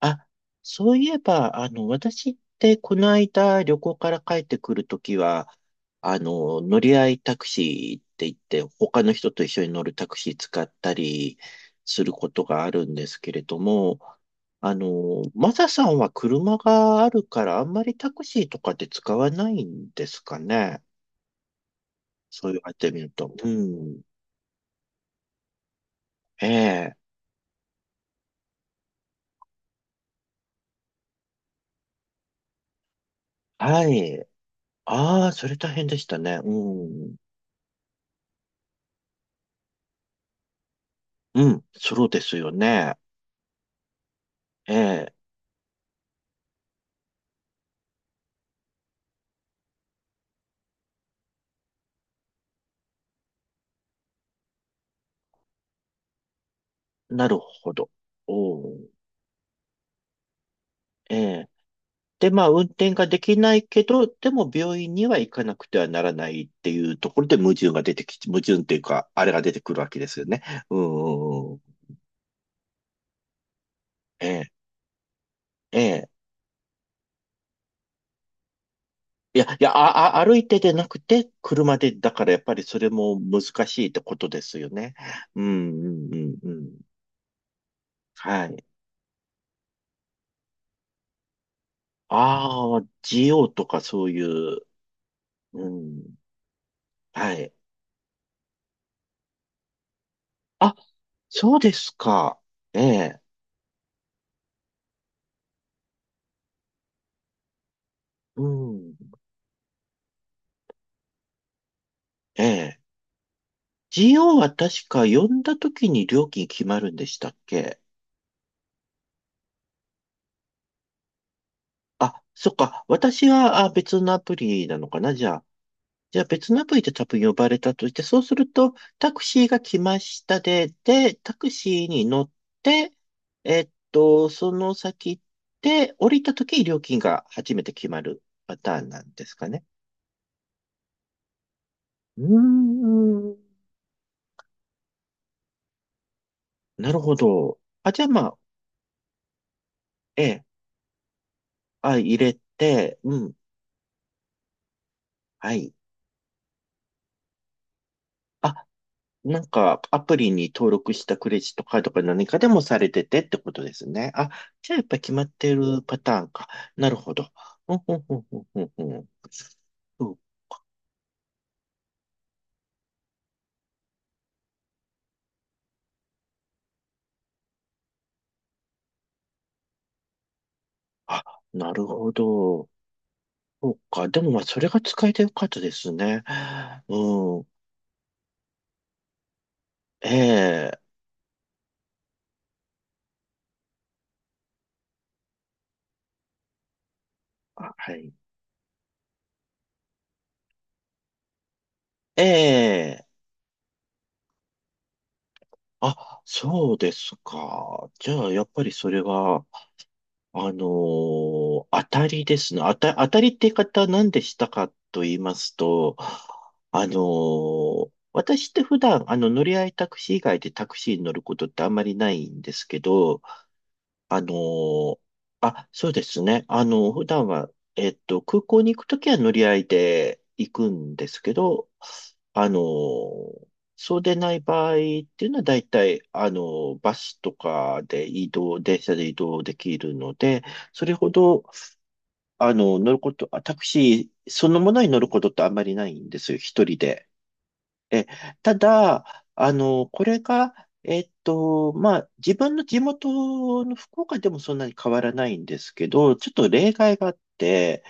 あ、そういえば、私ってこの間旅行から帰ってくるときは、乗り合いタクシーって言って、他の人と一緒に乗るタクシー使ったりすることがあるんですけれども、マサさんは車があるから、あんまりタクシーとかって使わないんですかね。そう言われてみると。うん。ええ。はい。ああ、それ大変でしたね。うん。うん。そうですよね。ええ。なるほど。おー。ええ。で、まあ、運転ができないけど、でも病院には行かなくてはならないっていうところで矛盾っていうか、あれが出てくるわけですよね。うん。ええ、ええ。いや、いや、あ、あ、歩いてでなくて、車で、だからやっぱりそれも難しいってことですよね。うん、うん、うん、うん。はい。ああ、GO とかそういう、うん、はい。あ、そうですか。ええ、うん。ええ。GO は確か呼んだ時に料金決まるんでしたっけ？あ、そっか。私は別のアプリなのかなじゃあ。じゃあ別のアプリで多分呼ばれたとして、そうするとタクシーが来ました。で、タクシーに乗って、その先で降りた時に料金が初めて決まるパターンなんですかね。うーん。なるほど。あ、じゃあまあ、ええ。あ、入れて、うん。はい。あ、なんか、アプリに登録したクレジットカードか何かでもされててってことですね。あ、じゃあやっぱ決まってるパターンか。なるほど。うんうんうんうんうんうん。そう。あ、なるほど。そうか。でもまあ、それが使えてよかったですね。うん。ええ。あ、はい。ええ。あ、そうですか。じゃあ、やっぱりそれは、当たりですね。当たりって言い方は何でしたかと言いますと、私って普段、乗り合いタクシー以外でタクシーに乗ることってあんまりないんですけど、あのーあ、そうですね。普段は、空港に行くときは乗り合いで行くんですけど、あのーそうでない場合っていうのは大体、バスとかで移動、電車で移動できるので、それほど、乗ること、あタクシーそのものに乗ることってあんまりないんですよ。一人で。え、ただ、これが、まあ、自分の地元の福岡でもそんなに変わらないんですけど、ちょっと例外があって、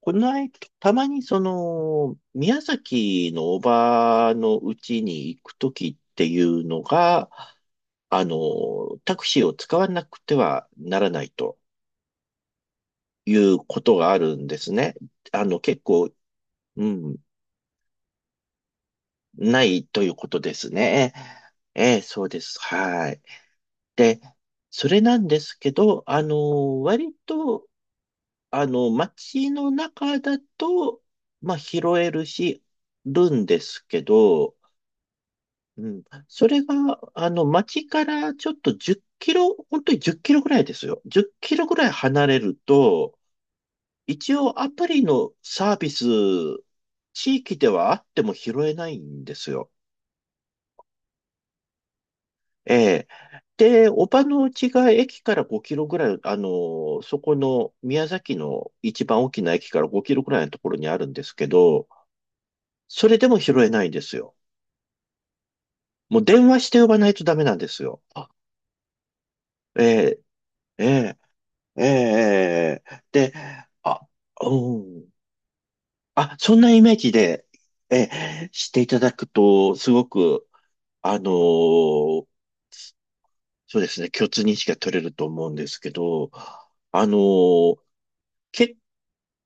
この間、たまに、宮崎のおばのうちに行くときっていうのが、タクシーを使わなくてはならないということがあるんですね。結構、うん、ないということですね。ええ、そうです。はい。で、それなんですけど、割と、街の中だと、まあ、拾えるし、るんですけど、うん、それが、街からちょっと10キロ、本当に10キロぐらいですよ。10キロぐらい離れると、一応アプリのサービス、地域ではあっても拾えないんですよ。ええ。で、おばの家が駅から5キロぐらい、そこの宮崎の一番大きな駅から5キロぐらいのところにあるんですけど、それでも拾えないんですよ。もう電話して呼ばないとダメなんですよ。あ、ええ、ええ、ええ、で、あ、うん。あ、そんなイメージで、ええ、していただくと、すごく、あのそうですね、共通認識が取れると思うんですけど、あの結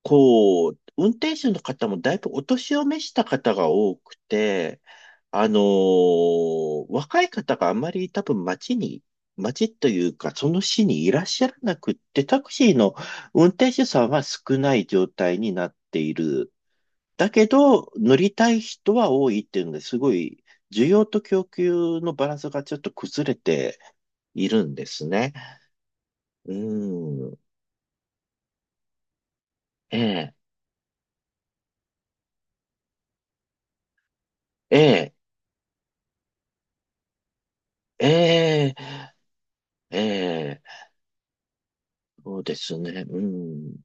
こう、運転手の方もだいぶお年を召した方が多くて、若い方があまり多分街に、街というか、その市にいらっしゃらなくって、タクシーの運転手さんは少ない状態になっている。だけど、乗りたい人は多いっていうので、すごい、需要と供給のバランスがちょっと崩れているんですね。うん。ええ、ええ、ええ、ええ。そうですね。うん。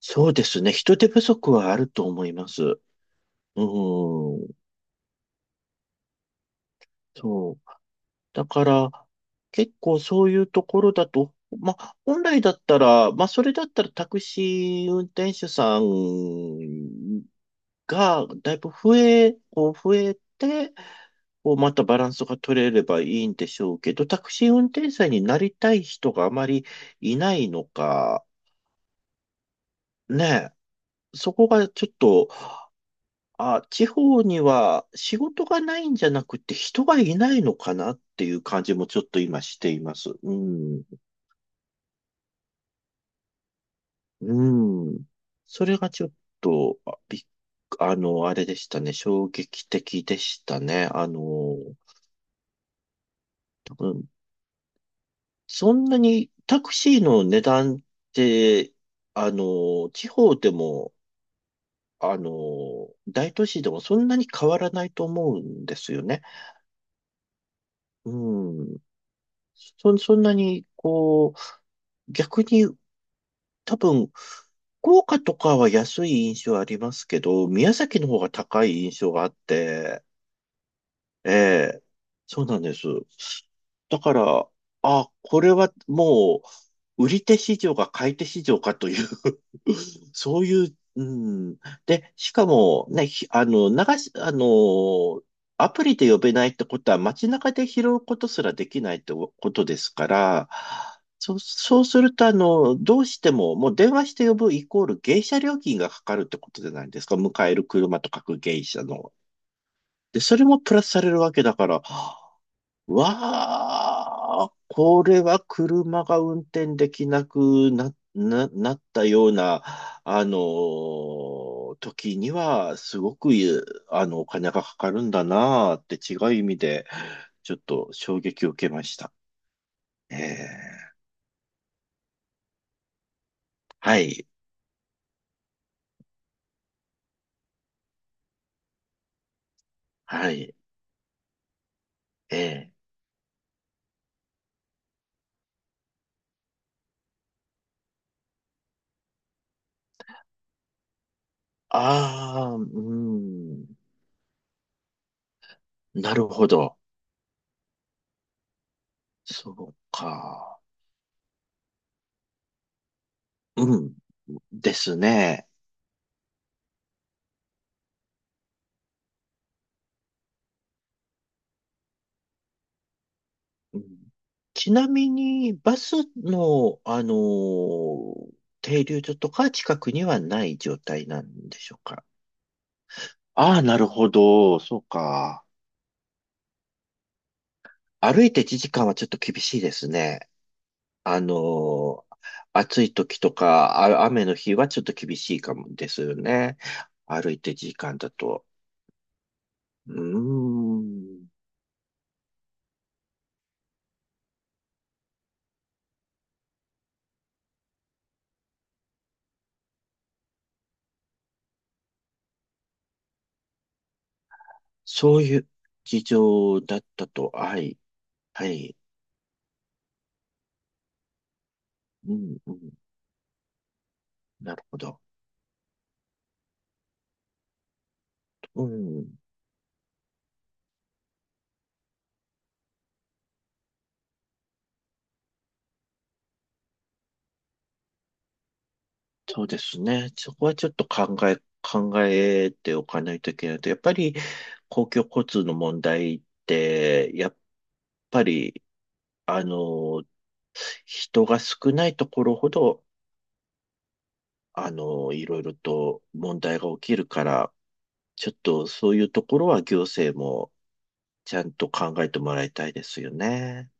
そうですね。人手不足はあると思います。うん。そう。だから、結構そういうところだと、まあ、本来だったら、まあ、それだったらタクシー運転手さんがだいぶ増え、こう増えて、こうまたバランスが取れればいいんでしょうけど、タクシー運転手さんになりたい人があまりいないのか、ねえ。そこがちょっと、あ、地方には仕事がないんじゃなくて人がいないのかなっていう感じもちょっと今しています。うん。うん。それがちょっと、あびっあの、あれでしたね。衝撃的でしたね。多分、そんなにタクシーの値段って、地方でも、あの、大都市でもそんなに変わらないと思うんですよね。うん。そんなに、こう、逆に多分、福岡とかは安い印象ありますけど、宮崎の方が高い印象があって、ええ、そうなんです。だから、あ、これはもう、売り手市場か買い手市場かという そういう、うん。で、しかも、ね、ひあの、流し、アプリで呼べないってことは街中で拾うことすらできないってことですから、そう、そうすると、どうしても、もう電話して呼ぶイコール迎車料金がかかるってことじゃないですか。迎える車と書く迎車の。で、それもプラスされるわけだから、わあ、これは車が運転できなくなったような、時には、すごく、お金がかかるんだなあって違う意味で、ちょっと衝撃を受けました。ええ、はい、はい、ええ。ああ、うん、なるほど。そうか。うん、ですね。うん。ちなみに、バスの、停留所とか近くにはない状態なんでしょうか。ああ、なるほど。そうか。歩いて1時間はちょっと厳しいですね。あのー暑い時とか、あ、雨の日はちょっと厳しいかもですよね。歩いて時間だと。うーん。そういう事情だったと。はい。はい。うん、うん。なるほど。うん。そうですね。そこはちょっと考えておかないといけないと。やっぱり公共交通の問題って、やっぱり、あの、人が少ないところほど、いろいろと問題が起きるから、ちょっとそういうところは行政もちゃんと考えてもらいたいですよね。